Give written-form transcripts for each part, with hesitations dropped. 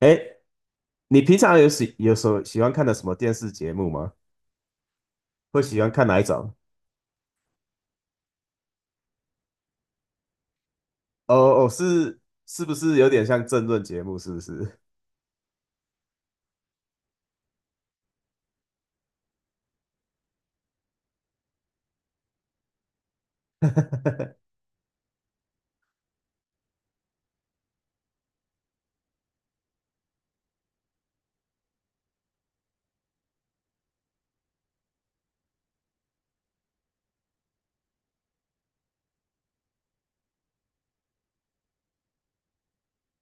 哎，你平常有时候喜欢看的什么电视节目吗？会喜欢看哪一种？哦哦，是不是有点像政论节目？是不是？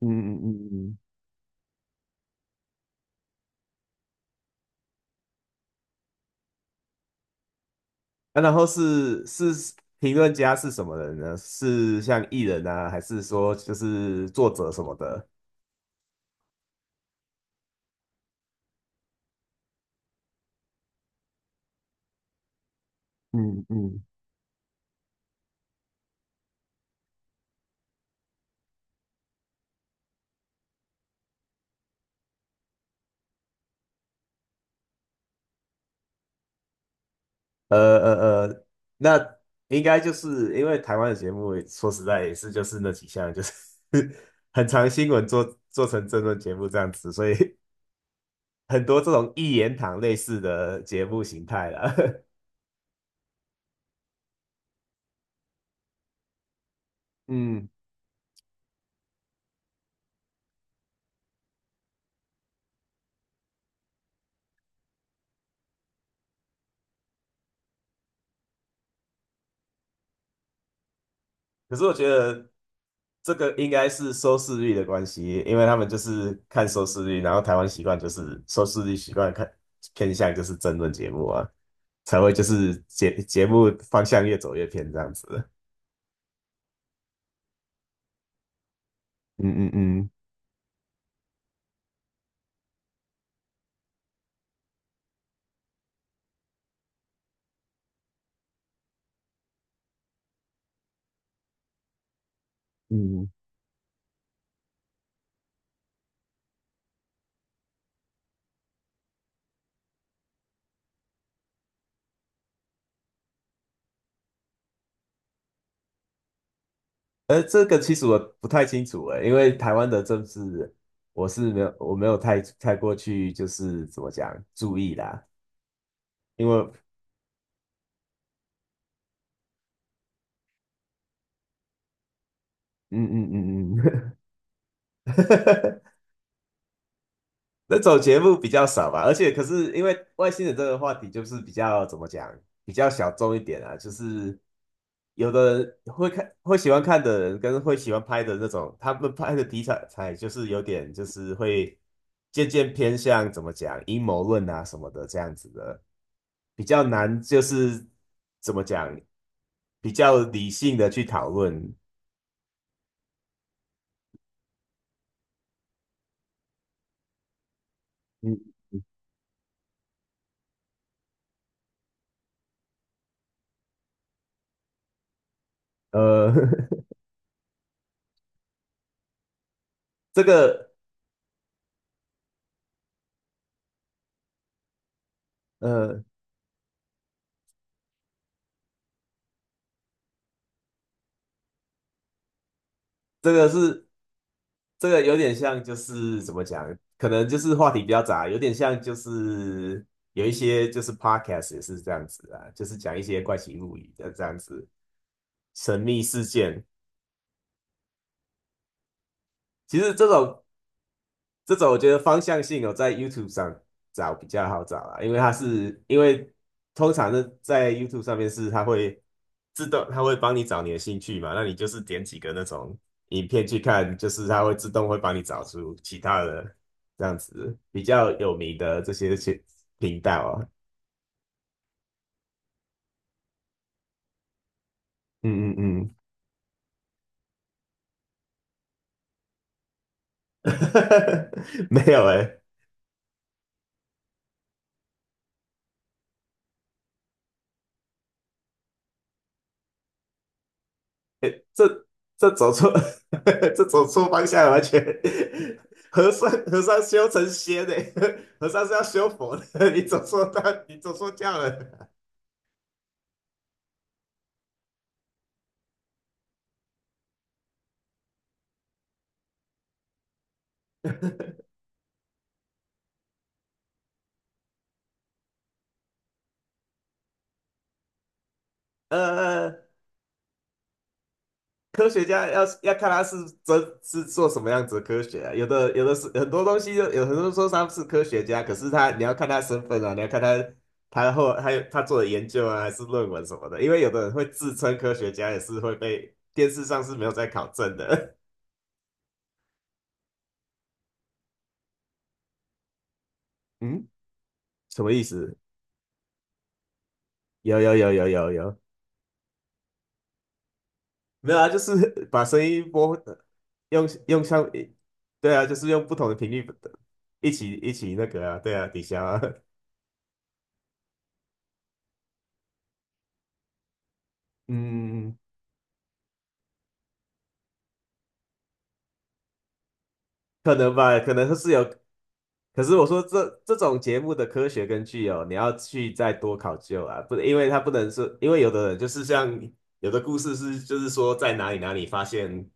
嗯嗯嗯嗯。啊，然后是评论家是什么人呢？是像艺人啊，还是说就是作者什么的？嗯嗯。呃呃呃，那应该就是因为台湾的节目，说实在也是就是那几项，就是 很长新闻做成政论节目这样子，所以很多这种一言堂类似的节目形态了。嗯，可是我觉得这个应该是收视率的关系，因为他们就是看收视率，然后台湾习惯就是收视率习惯看偏向就是争论节目啊，才会就是节目方向越走越偏这样子。嗯嗯嗯嗯，这个其实我不太清楚诶，因为台湾的政治我没有太过去就是怎么讲注意啦，因为嗯嗯嗯嗯，那种节目比较少吧，而且可是因为外星人这个话题就是比较怎么讲，比较小众一点啊，就是有的人会看会喜欢看的人跟会喜欢拍的那种，他们拍的题材才就是有点就是会渐渐偏向怎么讲阴谋论啊什么的这样子的，比较难就是怎么讲比较理性的去讨论，嗯呃 这个呃这个是这个有点像，就是怎么讲，可能就是话题比较杂，有点像就是有一些就是 podcast 也是这样子啊，就是讲一些怪奇物语的这样子神秘事件。其实这种我觉得方向性哦，在 YouTube 上找比较好找啦，因为通常呢在 YouTube 上面是它会自动，它会帮你找你的兴趣嘛，那你就是点几个那种影片去看，就是它会自动会帮你找出其他的这样子比较有名的这些频道哦。嗯嗯嗯，没有诶、诶，这走错，这走错方向了，完全。和尚修成仙呢，和尚是要修佛的，你走错道，你走错教了。呃，科学家要看他是真是做什么样子的科学啊，有的是很多东西就，有很多人说他是科学家，可是他你要看他身份啊，你要看他后还有他做的研究啊，还是论文什么的，因为有的人会自称科学家，也是会被电视上是没有在考证的。嗯，什么意思？有有有有有有，没有啊，就是 把声音播，用像，对啊，就是用不同的频率一起那个啊，对啊，抵消啊，嗯，可能吧，可能是有可是我说这种节目的科学根据哦，你要去再多考究啊，不，因为它不能是，因为有的人就是像有的故事是，就是说在哪里哪里发现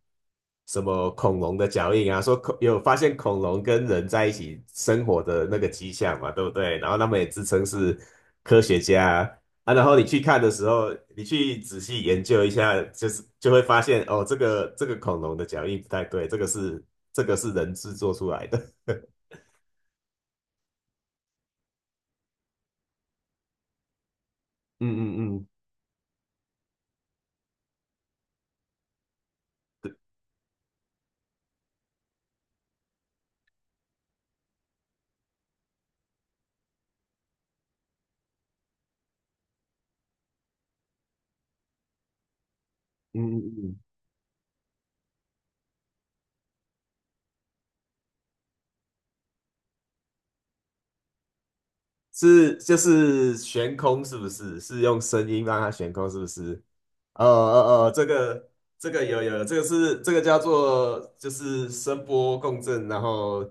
什么恐龙的脚印啊，说有发现恐龙跟人在一起生活的那个迹象嘛，对不对？然后他们也自称是科学家啊，啊然后你去看的时候，你去仔细研究一下，就是就会发现哦，这个恐龙的脚印不太对，这个是人制作出来的。嗯嗯嗯，嗯嗯嗯，是就是悬空是不是？是用声音让它悬空是不是？呃呃呃，这个这个有，这个叫做就是声波共振，然后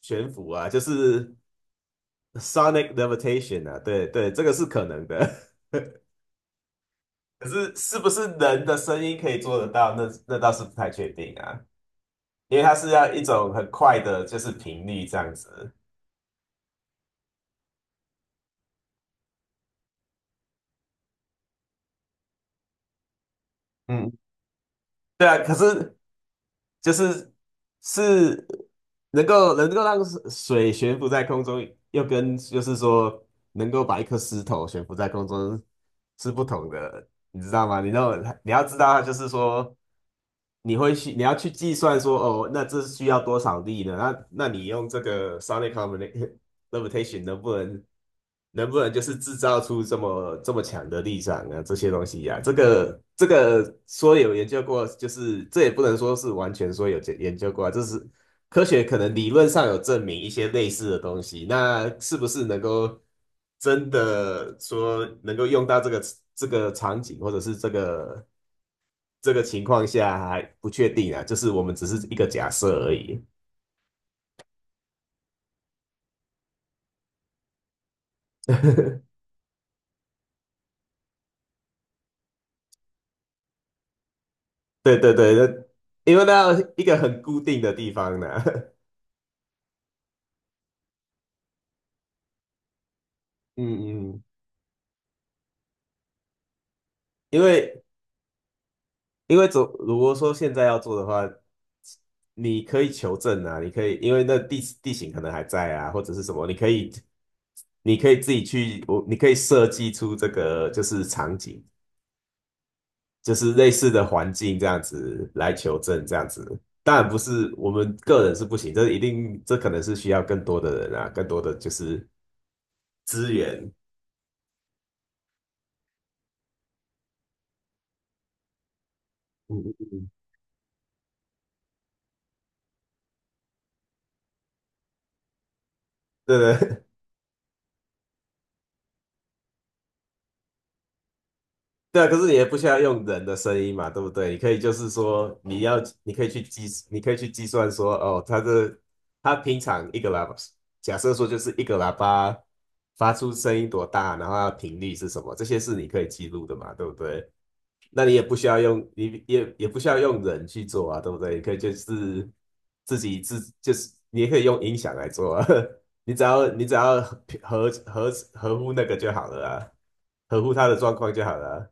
悬浮啊，就是 sonic levitation 啊，对对，这个是可能的。可是是不是人的声音可以做得到？那倒是不太确定啊，因为它是要一种很快的，就是频率这样子。嗯，对啊，可是就是是能够让水悬浮在空中，又跟就是说能够把一颗石头悬浮在空中是不同的，你知道吗？你要知道，就是说你要去计算说，哦，那这需要多少力呢？那你用这个 sonic limitation 能不能就是制造出这么强的力场啊？这些东西呀、这个说有研究过，就是这也不能说是完全说有研究过啊，这是科学可能理论上有证明一些类似的东西，那是不是能够真的说能够用到这个场景或者是这个？这个情况下还不确定啊，就是我们只是一个假设而已。对对对，那因为那一个很固定的地方呢、嗯嗯，因为总如果说现在要做的话，你可以求证啊，你可以因为那地形可能还在啊，或者是什么，你可以自己去，你可以设计出这个就是场景。就是类似的环境这样子来求证这样子。当然不是我们个人是不行，这一定这可能是需要更多的人啊，更多的就是资源。嗯嗯嗯，对对，对啊，可是你也不需要用人的声音嘛，对不对？你可以就是说，你要，你可以去计算说，哦，他平常一个喇叭，假设说就是一个喇叭发出声音多大，然后它的频率是什么，这些是你可以记录的嘛，对不对？那你也不需要用，你也不需要用人去做啊，对不对？你可以就是自己就是你也可以用音响来做啊，你只要合乎那个就好了啊，合乎他的状况就好了啊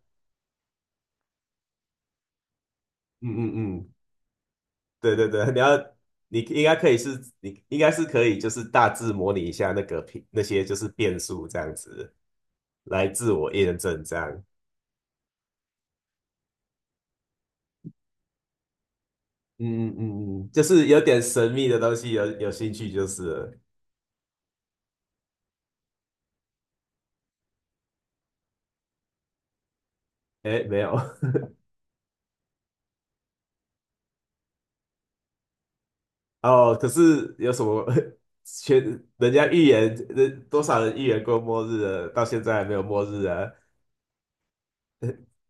嗯嗯嗯，对对对，你要你应该可以是，你应该是可以，就是大致模拟一下那个那些就是变数这样子，来自我验证这样。嗯嗯嗯嗯就是有点神秘的东西有兴趣就是了，哎，没有 哦，可是有什么 全人家预言，人多少人预言过末日了，到现在还没有末日啊？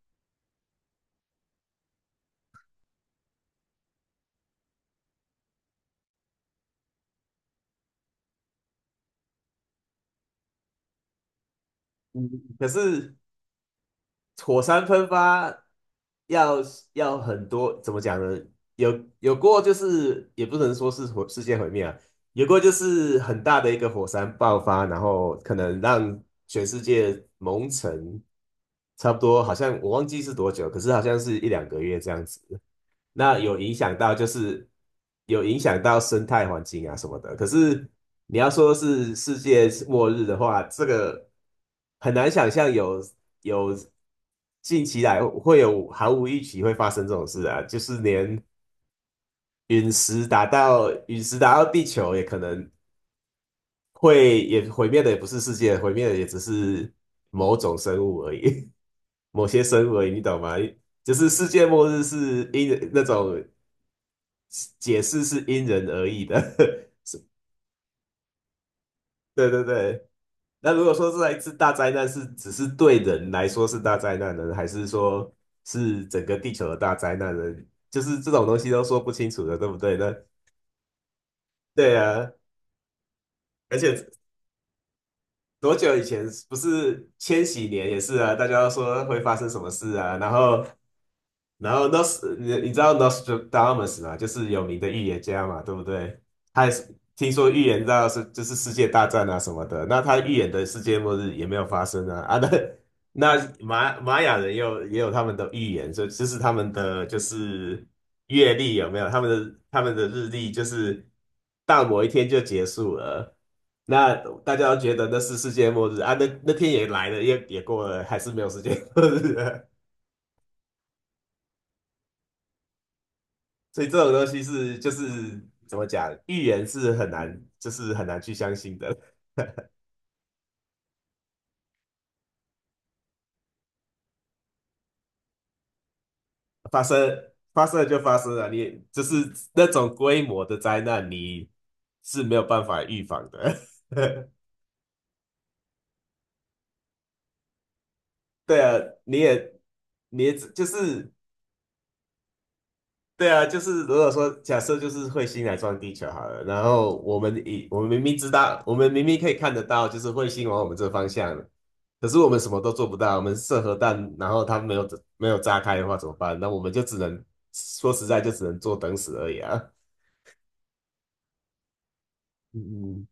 嗯，可是。火山喷发要要很多，怎么讲呢？有过就是也不能说是世界毁灭啊，有过就是很大的一个火山爆发，然后可能让全世界蒙尘，差不多好像我忘记是多久，可是好像是一两个月这样子。那有影响到就是有影响到生态环境啊什么的。可是你要说是世界末日的话，这个很难想象有近期来会有毫无预期会发生这种事啊，就是连陨石打到地球也可能会也毁灭的也不是世界，毁灭的也只是某种生物而已，某些生物而已，你懂吗？就是世界末日是因那种。解释是因人而异的。对对对。那如果说这一次大灾难是只是对人来说是大灾难呢，还是说是整个地球的大灾难呢？就是这种东西都说不清楚的，对不对呢？那对啊，而且多久以前不是千禧年也是啊，大家都说会发生什么事啊，然后然后你知道 Nostradamus 嘛，就是有名的预言家嘛，对不对？他也是听说预言到是就是世界大战啊什么的，那他预言的世界末日也没有发生啊。那玛雅人也有他们的预言，所以就是他们的就是月历有没有？他们的日历就是到某一天就结束了，那大家都觉得那是世界末日啊，那那天也来了，也过了，还是没有世界末日啊所以这种东西是就是怎么讲，预言是很难，就是很难去相信的。发生发生了就发生了，你就是那种规模的灾难，你是没有办法预防的。对啊，你也你也只就是对啊，就是如果说假设就是彗星来撞地球好了，然后我们明明知道，我们明明可以看得到，就是彗星往我们这方向，可是我们什么都做不到，我们射核弹，然后它没有炸开的话怎么办？那我们就只能说实在就只能坐等死而已啊。嗯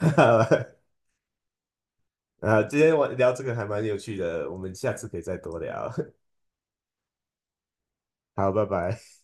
嗯 啊，今天我聊这个还蛮有趣的，我们下次可以再多聊。好，拜拜。